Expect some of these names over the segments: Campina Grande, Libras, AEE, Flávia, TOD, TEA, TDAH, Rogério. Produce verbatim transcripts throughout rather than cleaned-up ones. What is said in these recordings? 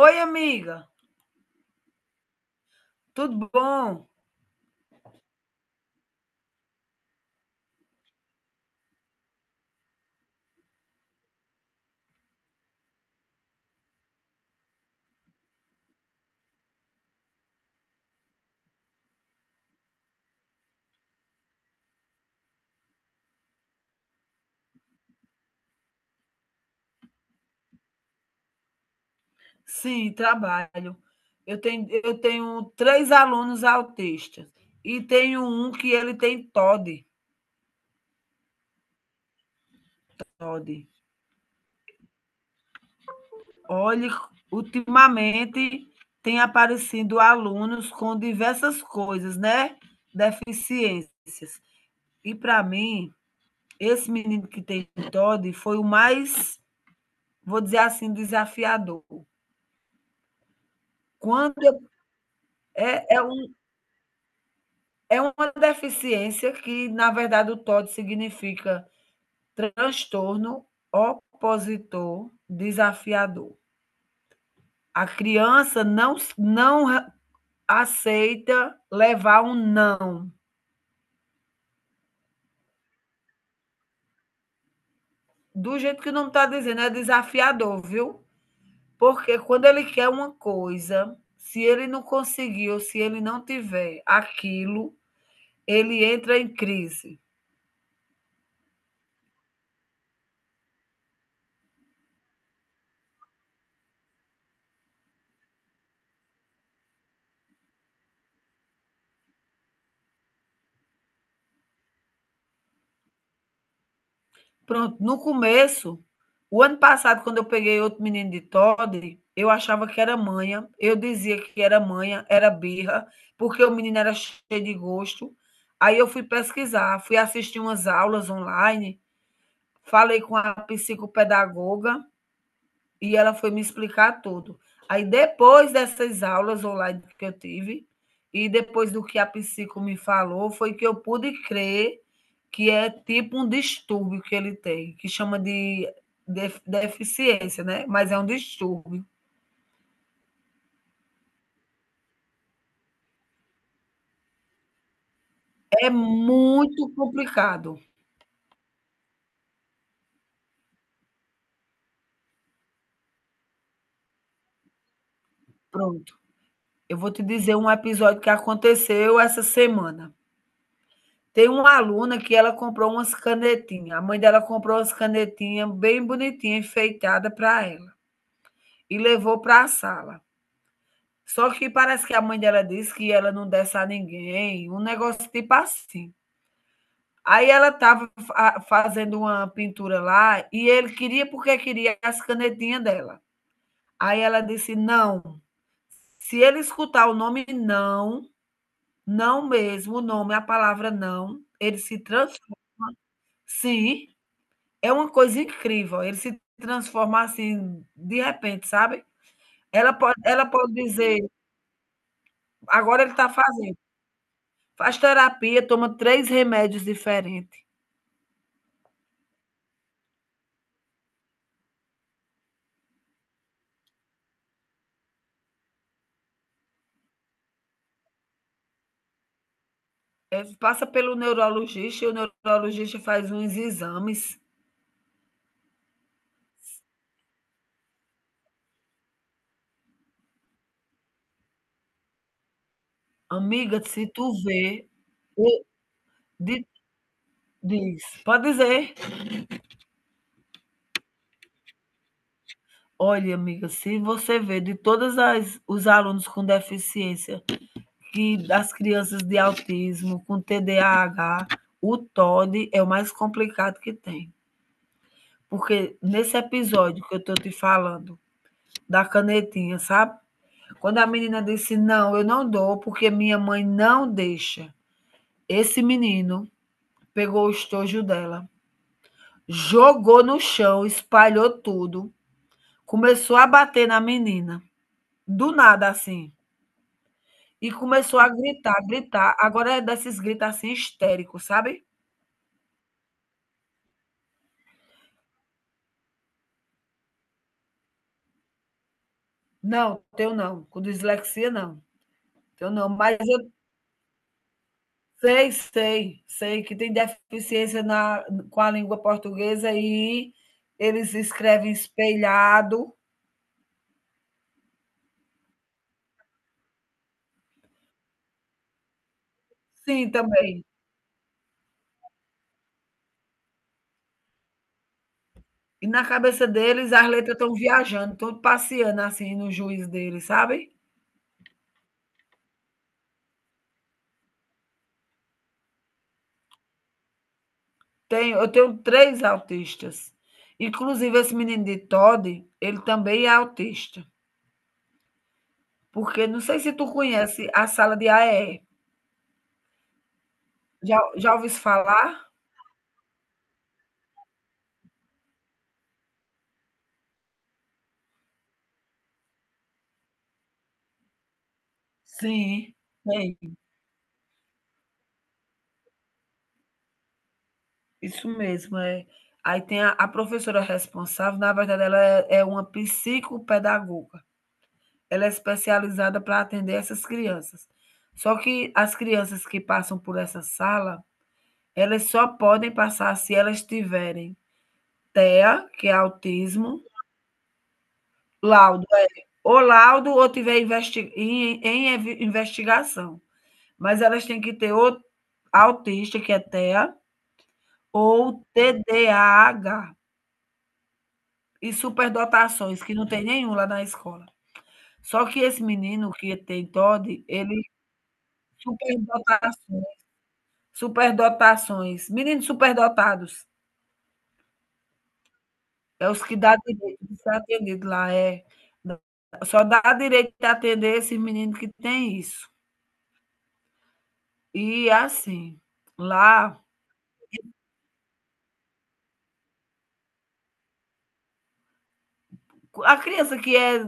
Oi, amiga, tudo bom? Sim, trabalho. Eu tenho, eu tenho três alunos autistas e tenho um que ele tem T O D. T O D. Olha, ultimamente tem aparecido alunos com diversas coisas, né? Deficiências. E para mim, esse menino que tem T O D foi o mais, vou dizer assim, desafiador. Quando eu- é, é o É uma deficiência que, na verdade, o T O D significa transtorno opositor desafiador. A criança não, não aceita levar um não. Do jeito que o nome está dizendo, é desafiador, viu? Porque quando ele quer uma coisa, se ele não conseguir ou se ele não tiver aquilo, ele entra em crise. Pronto, no começo, o ano passado, quando eu peguei outro menino de Toddy, eu achava que era manha, eu dizia que era manha, era birra, porque o menino era cheio de gosto. Aí eu fui pesquisar, fui assistir umas aulas online, falei com a psicopedagoga, e ela foi me explicar tudo. Aí depois dessas aulas online que eu tive e depois do que a psico me falou, foi que eu pude crer que é tipo um distúrbio que ele tem, que chama de deficiência, né? Mas é um distúrbio. É muito complicado. Pronto. Eu vou te dizer um episódio que aconteceu essa semana. Tem uma aluna que ela comprou umas canetinhas. A mãe dela comprou umas canetinhas bem bonitinhas, enfeitadas para ela. E levou para a sala. Só que parece que a mãe dela disse que ela não desse a ninguém, um negócio tipo assim. Aí ela estava fazendo uma pintura lá e ele queria porque queria as canetinhas dela. Aí ela disse: não, se ele escutar o nome não, não mesmo, o nome, a palavra não, ele se transforma. Sim, é uma coisa incrível. Ele se transforma assim, de repente, sabe? Ela pode, ela pode dizer, agora ele está fazendo. Faz terapia, toma três remédios diferentes. É, passa pelo neurologista e o neurologista faz uns exames. Amiga, se tu vê, o di diz, pode dizer. Olha, amiga, se você vê de todas as os alunos com deficiência, que das crianças de autismo, com T D A H, o T O D é o mais complicado que tem. Porque nesse episódio que eu estou te falando, da canetinha, sabe? Quando a menina disse: Não, eu não dou, porque minha mãe não deixa. Esse menino pegou o estojo dela, jogou no chão, espalhou tudo, começou a bater na menina, do nada assim. E começou a gritar, gritar. Agora é desses gritos assim histéricos, sabe? Não, teu não. Com dislexia, não. Teu não. Mas eu sei, sei, sei que tem deficiência na, com a língua portuguesa e eles escrevem espelhado. Sim, também. E na cabeça deles as letras estão viajando, estão passeando, assim, no juiz deles, sabe. Tenho eu tenho três autistas, inclusive esse menino de todd ele também é autista, porque não sei se tu conhece a sala de A E E, já já ouviste falar? Sim, tem, isso mesmo, é. Aí tem a a professora responsável, na verdade ela é é uma psicopedagoga. Ela é especializada para atender essas crianças. Só que as crianças que passam por essa sala, elas só podem passar se elas tiverem teia, que é autismo, laudo, é, ou laudo ou tiver investi em, em investigação. Mas elas têm que ter o autista, que é teia, ou T D A H, e superdotações, que não tem nenhum lá na escola. Só que esse menino que tem T O D, ele superdotações. Superdotações. Meninos superdotados. É os que dá direito de ser atendido lá. É. Só dá direito de atender esse menino que tem isso. E assim, lá, a criança que é,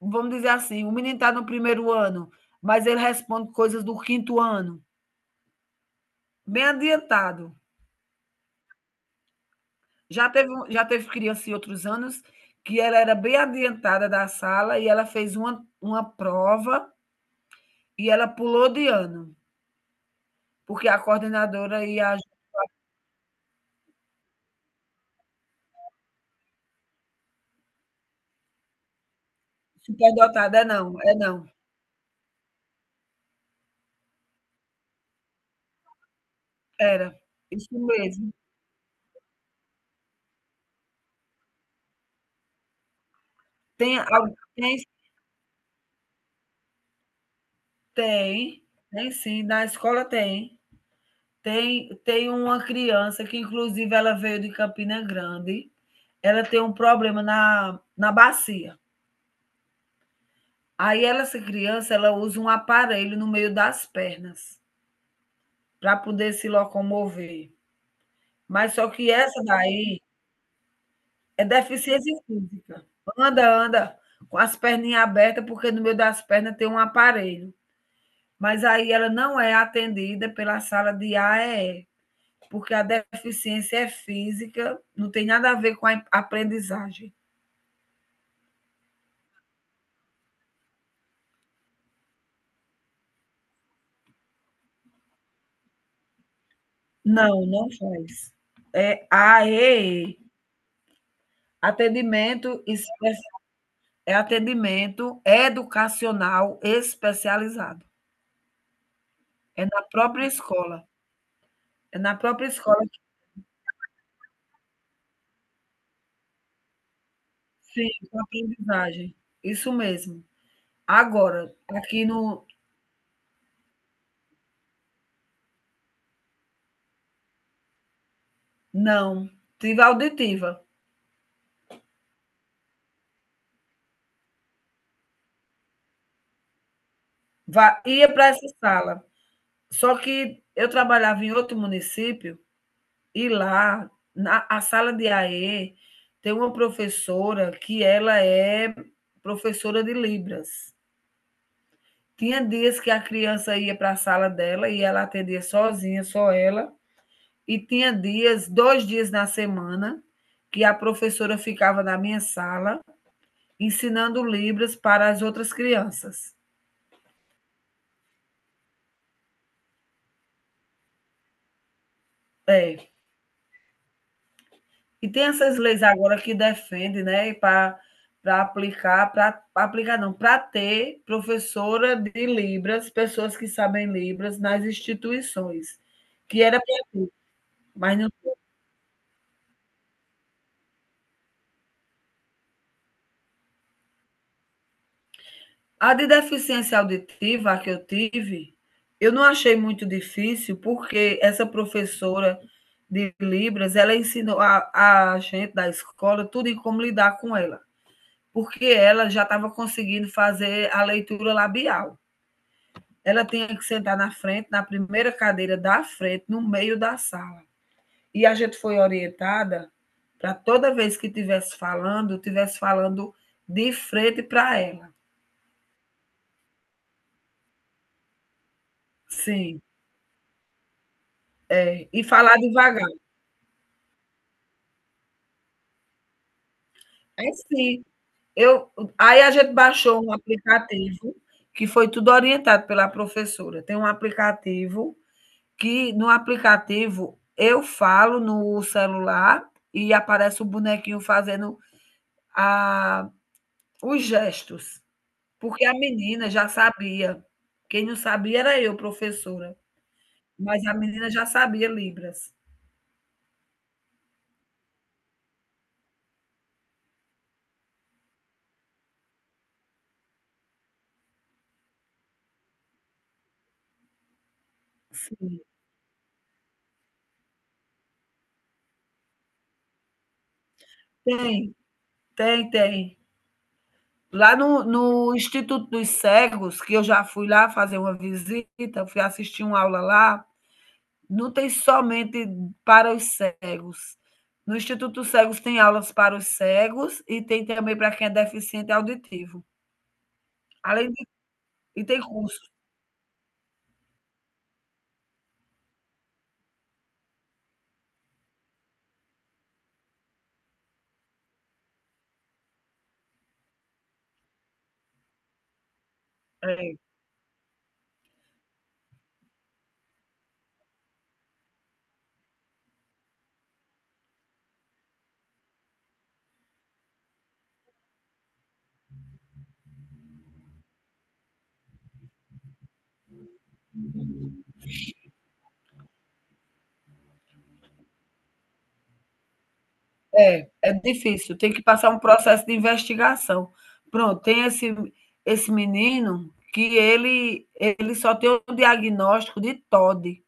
vamos dizer assim, o menino está no primeiro ano, mas ele responde coisas do quinto ano, bem adiantado. Já teve, um- já teve criança em outros anos que ela era bem adiantada da sala e ela fez uma, uma prova e ela pulou de ano. Porque a coordenadora e a superdotada é não, é não, era. Isso mesmo. Tem al tem tem, tem sim, na escola tem. Tem tem uma criança que inclusive ela veio de Campina Grande, ela tem um problema na na bacia. Aí ela essa criança, ela usa um aparelho no meio das pernas, para poder se locomover. Mas só que essa daí é deficiência física. Anda, anda com as perninhas abertas, porque no meio das pernas tem um aparelho. Mas aí ela não é atendida pela sala de A E E, porque a deficiência é física, não tem nada a ver com a aprendizagem. Não, não faz. É A E E, atendimento, é atendimento educacional especializado. É na própria escola. É na própria escola que fica a aprendizagem. Isso mesmo. Agora, aqui no não, tive auditiva. Va ia para essa sala. Só que eu trabalhava em outro município e lá, na a sala de A E, tem uma professora que ela é professora de Libras. Tinha dias que a criança ia para a sala dela e ela atendia sozinha, só ela. E tinha dias, dois dias na semana, que a professora ficava na minha sala ensinando Libras para as outras crianças. É. E tem essas leis agora que defende, né, para para aplicar, para aplicar não, para ter professora de Libras, pessoas que sabem Libras nas instituições, que era, mas não, a de deficiência auditiva que eu tive, eu não achei muito difícil, porque essa professora de Libras, ela ensinou a, a gente da escola tudo em como lidar com ela, porque ela já estava conseguindo fazer a leitura labial. Ela tinha que sentar na frente, na primeira cadeira da frente, no meio da sala. E a gente foi orientada para toda vez que estivesse falando, estivesse falando de frente para ela. Sim. É, e falar devagar. É sim. Eu, aí a gente baixou um aplicativo que foi tudo orientado pela professora. Tem um aplicativo que no aplicativo eu falo no celular e aparece o bonequinho fazendo a Os gestos, porque a menina já sabia. Quem não sabia era eu, professora, mas a menina já sabia Libras. Sim, tem, tem, tem. Lá no no Instituto dos Cegos, que eu já fui lá fazer uma visita, fui assistir uma aula lá, não tem somente para os cegos. No Instituto dos Cegos tem aulas para os cegos e tem também para quem é deficiente auditivo. Além de e tem curso. É. É difícil, tem que passar um processo de investigação. Pronto, tem esse, esse menino que ele, ele só tem o diagnóstico de T O D,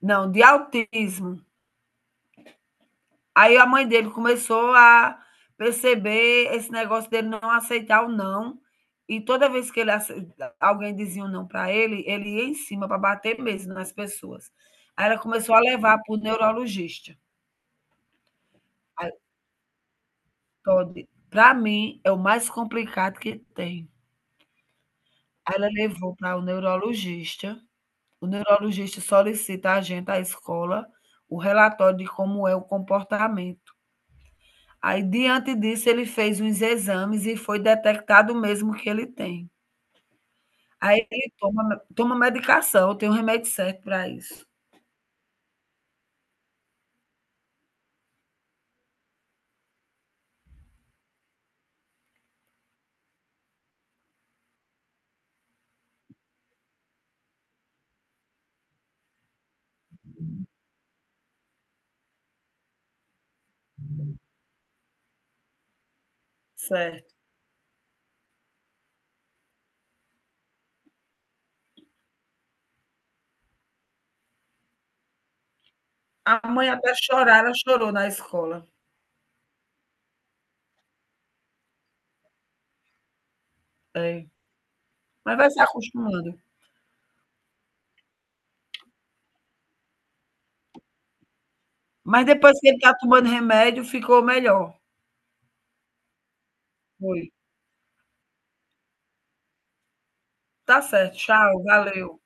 não, de autismo. Aí a mãe dele começou a perceber esse negócio dele não aceitar o não. E toda vez que ele alguém dizia um não para ele, ele ia em cima para bater mesmo nas pessoas. Aí ela começou a levar para o neurologista. Para mim, é o mais complicado que tem. Aí ela levou para o neurologista, o neurologista solicita a gente, a escola, o relatório de como é o comportamento. Aí diante disso ele fez uns exames e foi detectado mesmo que ele tem. Aí ele toma toma medicação, tem um remédio certo para isso. Certo. A mãe até chorar, ela chorou na escola. É. Mas vai se acostumando. Mas depois que ele está tomando remédio, ficou melhor. Foi. Tá certo, tchau, valeu.